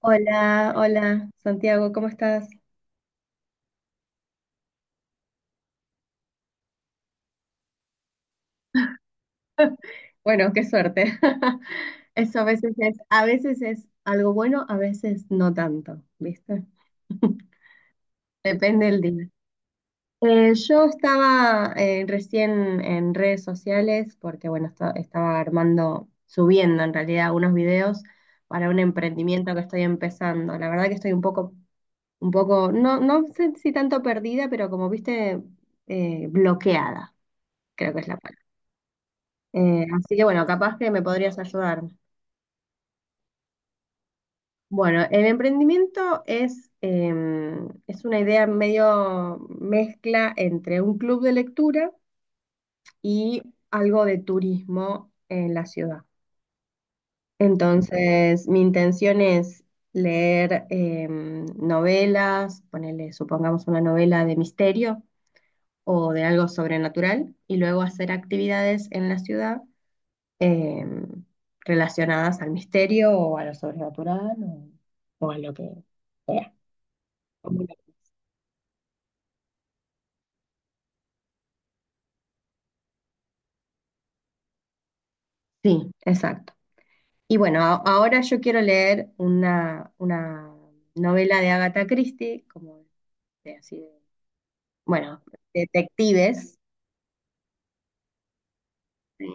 Hola, hola, Santiago, ¿cómo estás? Bueno, qué suerte. Eso a veces es algo bueno, a veces no tanto, ¿viste? Depende del día. Yo estaba recién en redes sociales porque, bueno, estaba armando, subiendo en realidad unos videos para un emprendimiento que estoy empezando. La verdad que estoy un poco, no, no sé si tanto perdida, pero como viste, bloqueada, creo que es la. Así que bueno, capaz que me podrías ayudar. Bueno, el emprendimiento es una idea medio mezcla entre un club de lectura y algo de turismo en la ciudad. Entonces, mi intención es leer novelas, ponerle, supongamos, una novela de misterio o de algo sobrenatural, y luego hacer actividades en la ciudad eh, relacionadas al misterio o a lo sobrenatural o a lo que sea. Como lo- Sí, exacto. Y bueno, ahora yo quiero leer una novela de Agatha Christie, como de, así de, bueno, detectives. Sí.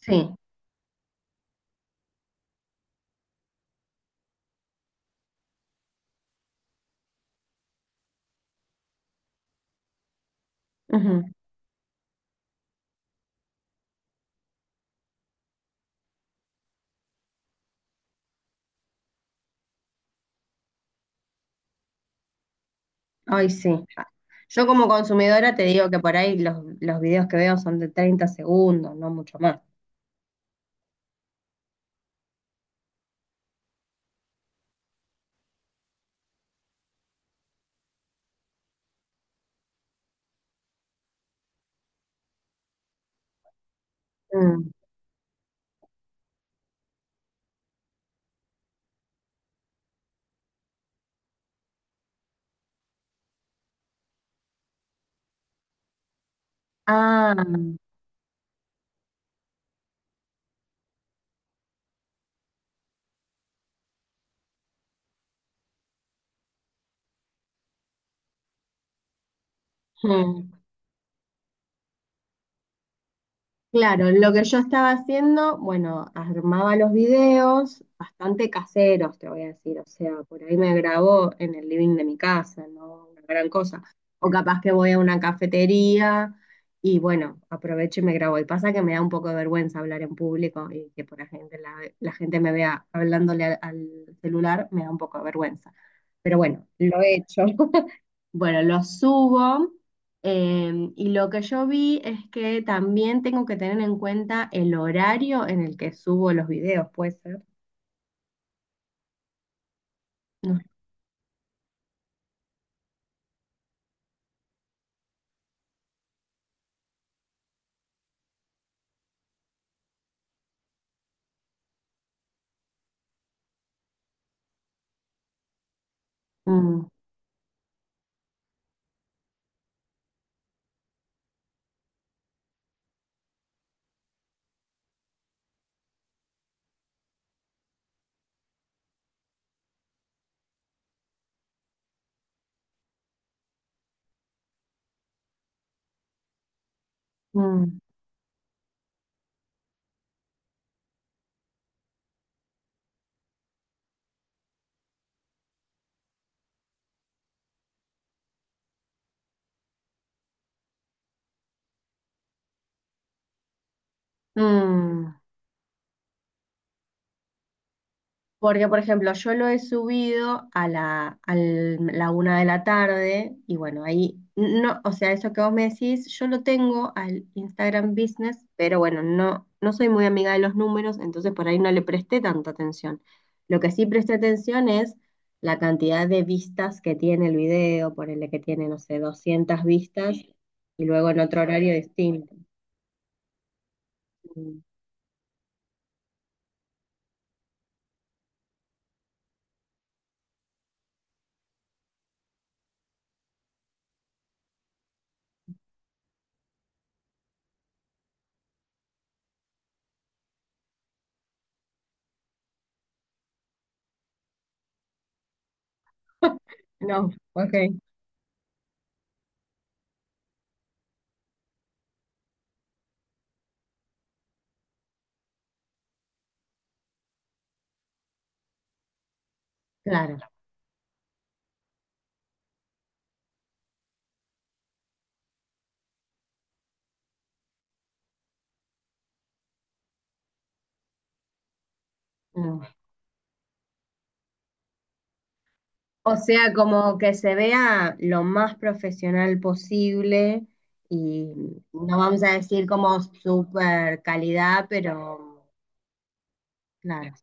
Sí. Ujú. Ay, sí. Yo como consumidora te digo que por ahí los videos que veo son de 30 segundos, no mucho más. Mm. Ah. Mm. Claro, lo que yo estaba haciendo, bueno, armaba los videos bastante caseros, te voy a decir, o sea, por ahí me grabo en el living de mi casa, no una gran cosa. O capaz que voy a una cafetería y bueno, aprovecho y me grabo. Y pasa que me da un poco de vergüenza hablar en público y que por la gente, la gente me vea hablándole al, al celular, me da un poco de vergüenza. Pero bueno, lo he hecho. Bueno, lo subo, y lo que yo vi es que también tengo que tener en cuenta el horario en el que subo los videos, puede ser. No. Mm, mm, mm. Porque, por ejemplo, yo lo he subido a la una de la tarde y bueno, ahí, no, o sea, eso que vos me decís, yo lo tengo al Instagram Business, pero bueno, no, no soy muy amiga de los números, entonces por ahí no le presté tanta atención. Lo que sí presté atención es la cantidad de vistas que tiene el video, ponele que tiene, no sé, 200 vistas y luego en otro horario distinto. Mm. No, ok. Claro. O sea, como que se vea lo más profesional posible y no vamos a decir como super calidad, pero claro.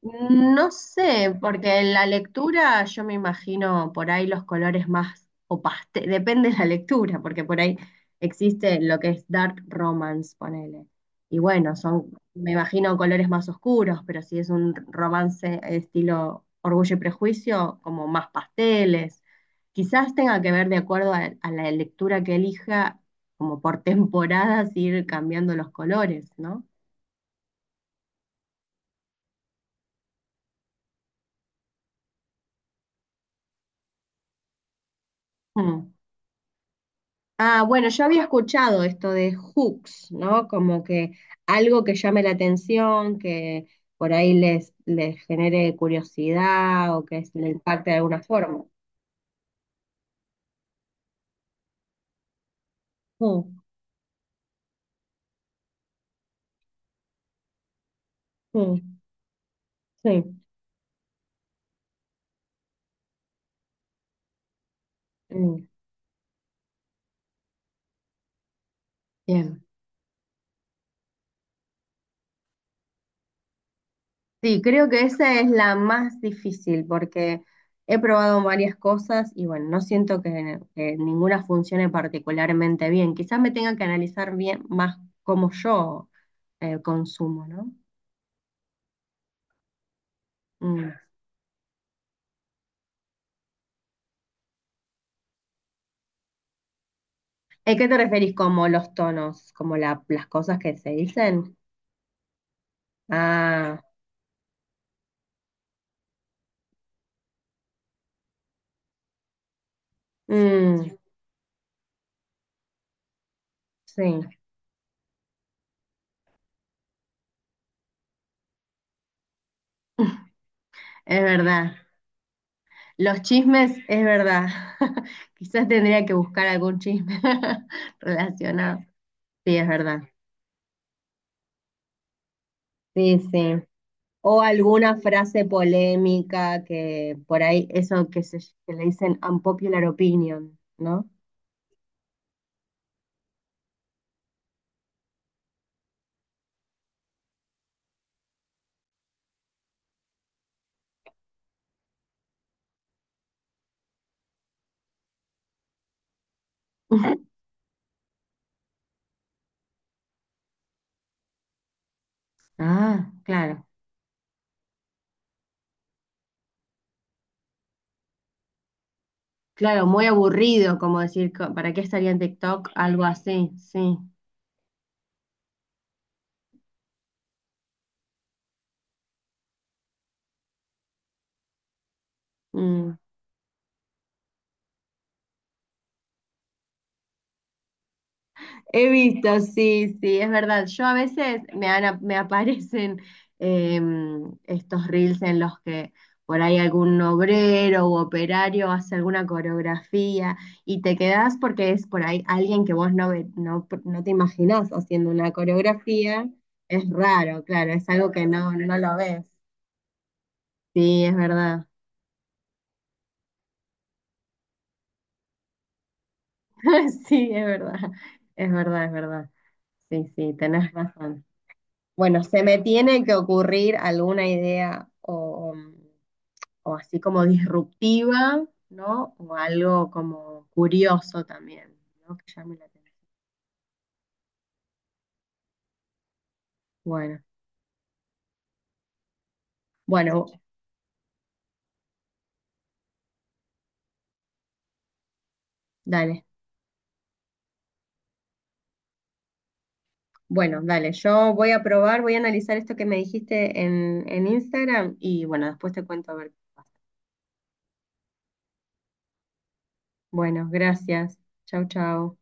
No sé, porque en la lectura yo me imagino por ahí los colores más o depende de la lectura, porque por ahí existe lo que es dark romance, ponele. Y bueno, son, me imagino colores más oscuros, pero si es un romance estilo Orgullo y Prejuicio, como más pasteles. Quizás tenga que ver de acuerdo a la lectura que elija, como por temporadas ir cambiando los colores, ¿no? Mm. Ah, bueno, yo había escuchado esto de hooks, ¿no? Como que algo que llame la atención, que por ahí les, les genere curiosidad o que se le impacte de alguna forma. Mm, mm, sí, mm, bien. Sí, creo que esa es la más difícil porque he probado varias cosas y bueno, no siento que ninguna funcione particularmente bien. Quizás me tenga que analizar bien más cómo yo consumo, ¿no? Mm. ¿A qué te referís como los tonos? ¿Como las cosas que se dicen? Ah, mm, sí, es verdad. Los chismes, es verdad. Quizás tendría que buscar algún chisme relacionado. Sí, es verdad. Sí, sí. O alguna frase polémica que por ahí, eso que, se, que le dicen unpopular opinion, ¿no? Ah, claro. Claro, muy aburrido, como decir, ¿para qué estaría en TikTok? Algo así, sí. Mm. He visto, sí, sí, es verdad. Yo a veces me, me aparecen estos reels en los que por ahí algún obrero u operario hace alguna coreografía y te quedás porque es por ahí alguien que vos no, no, no te imaginás haciendo una coreografía. Es raro, claro, es algo que no, no lo ves. Sí, es verdad. Sí, es verdad. Es verdad, es verdad. Sí, sí, tenés razón. Bueno, se me tiene que ocurrir alguna idea o así como disruptiva, ¿no? O algo como curioso también, ¿no? Que llame la atención. Bueno, bueno, dale. Bueno, dale. Yo voy a probar, voy a analizar esto que me dijiste en Instagram y bueno, después te cuento a ver. Bueno, gracias. Chau, chau.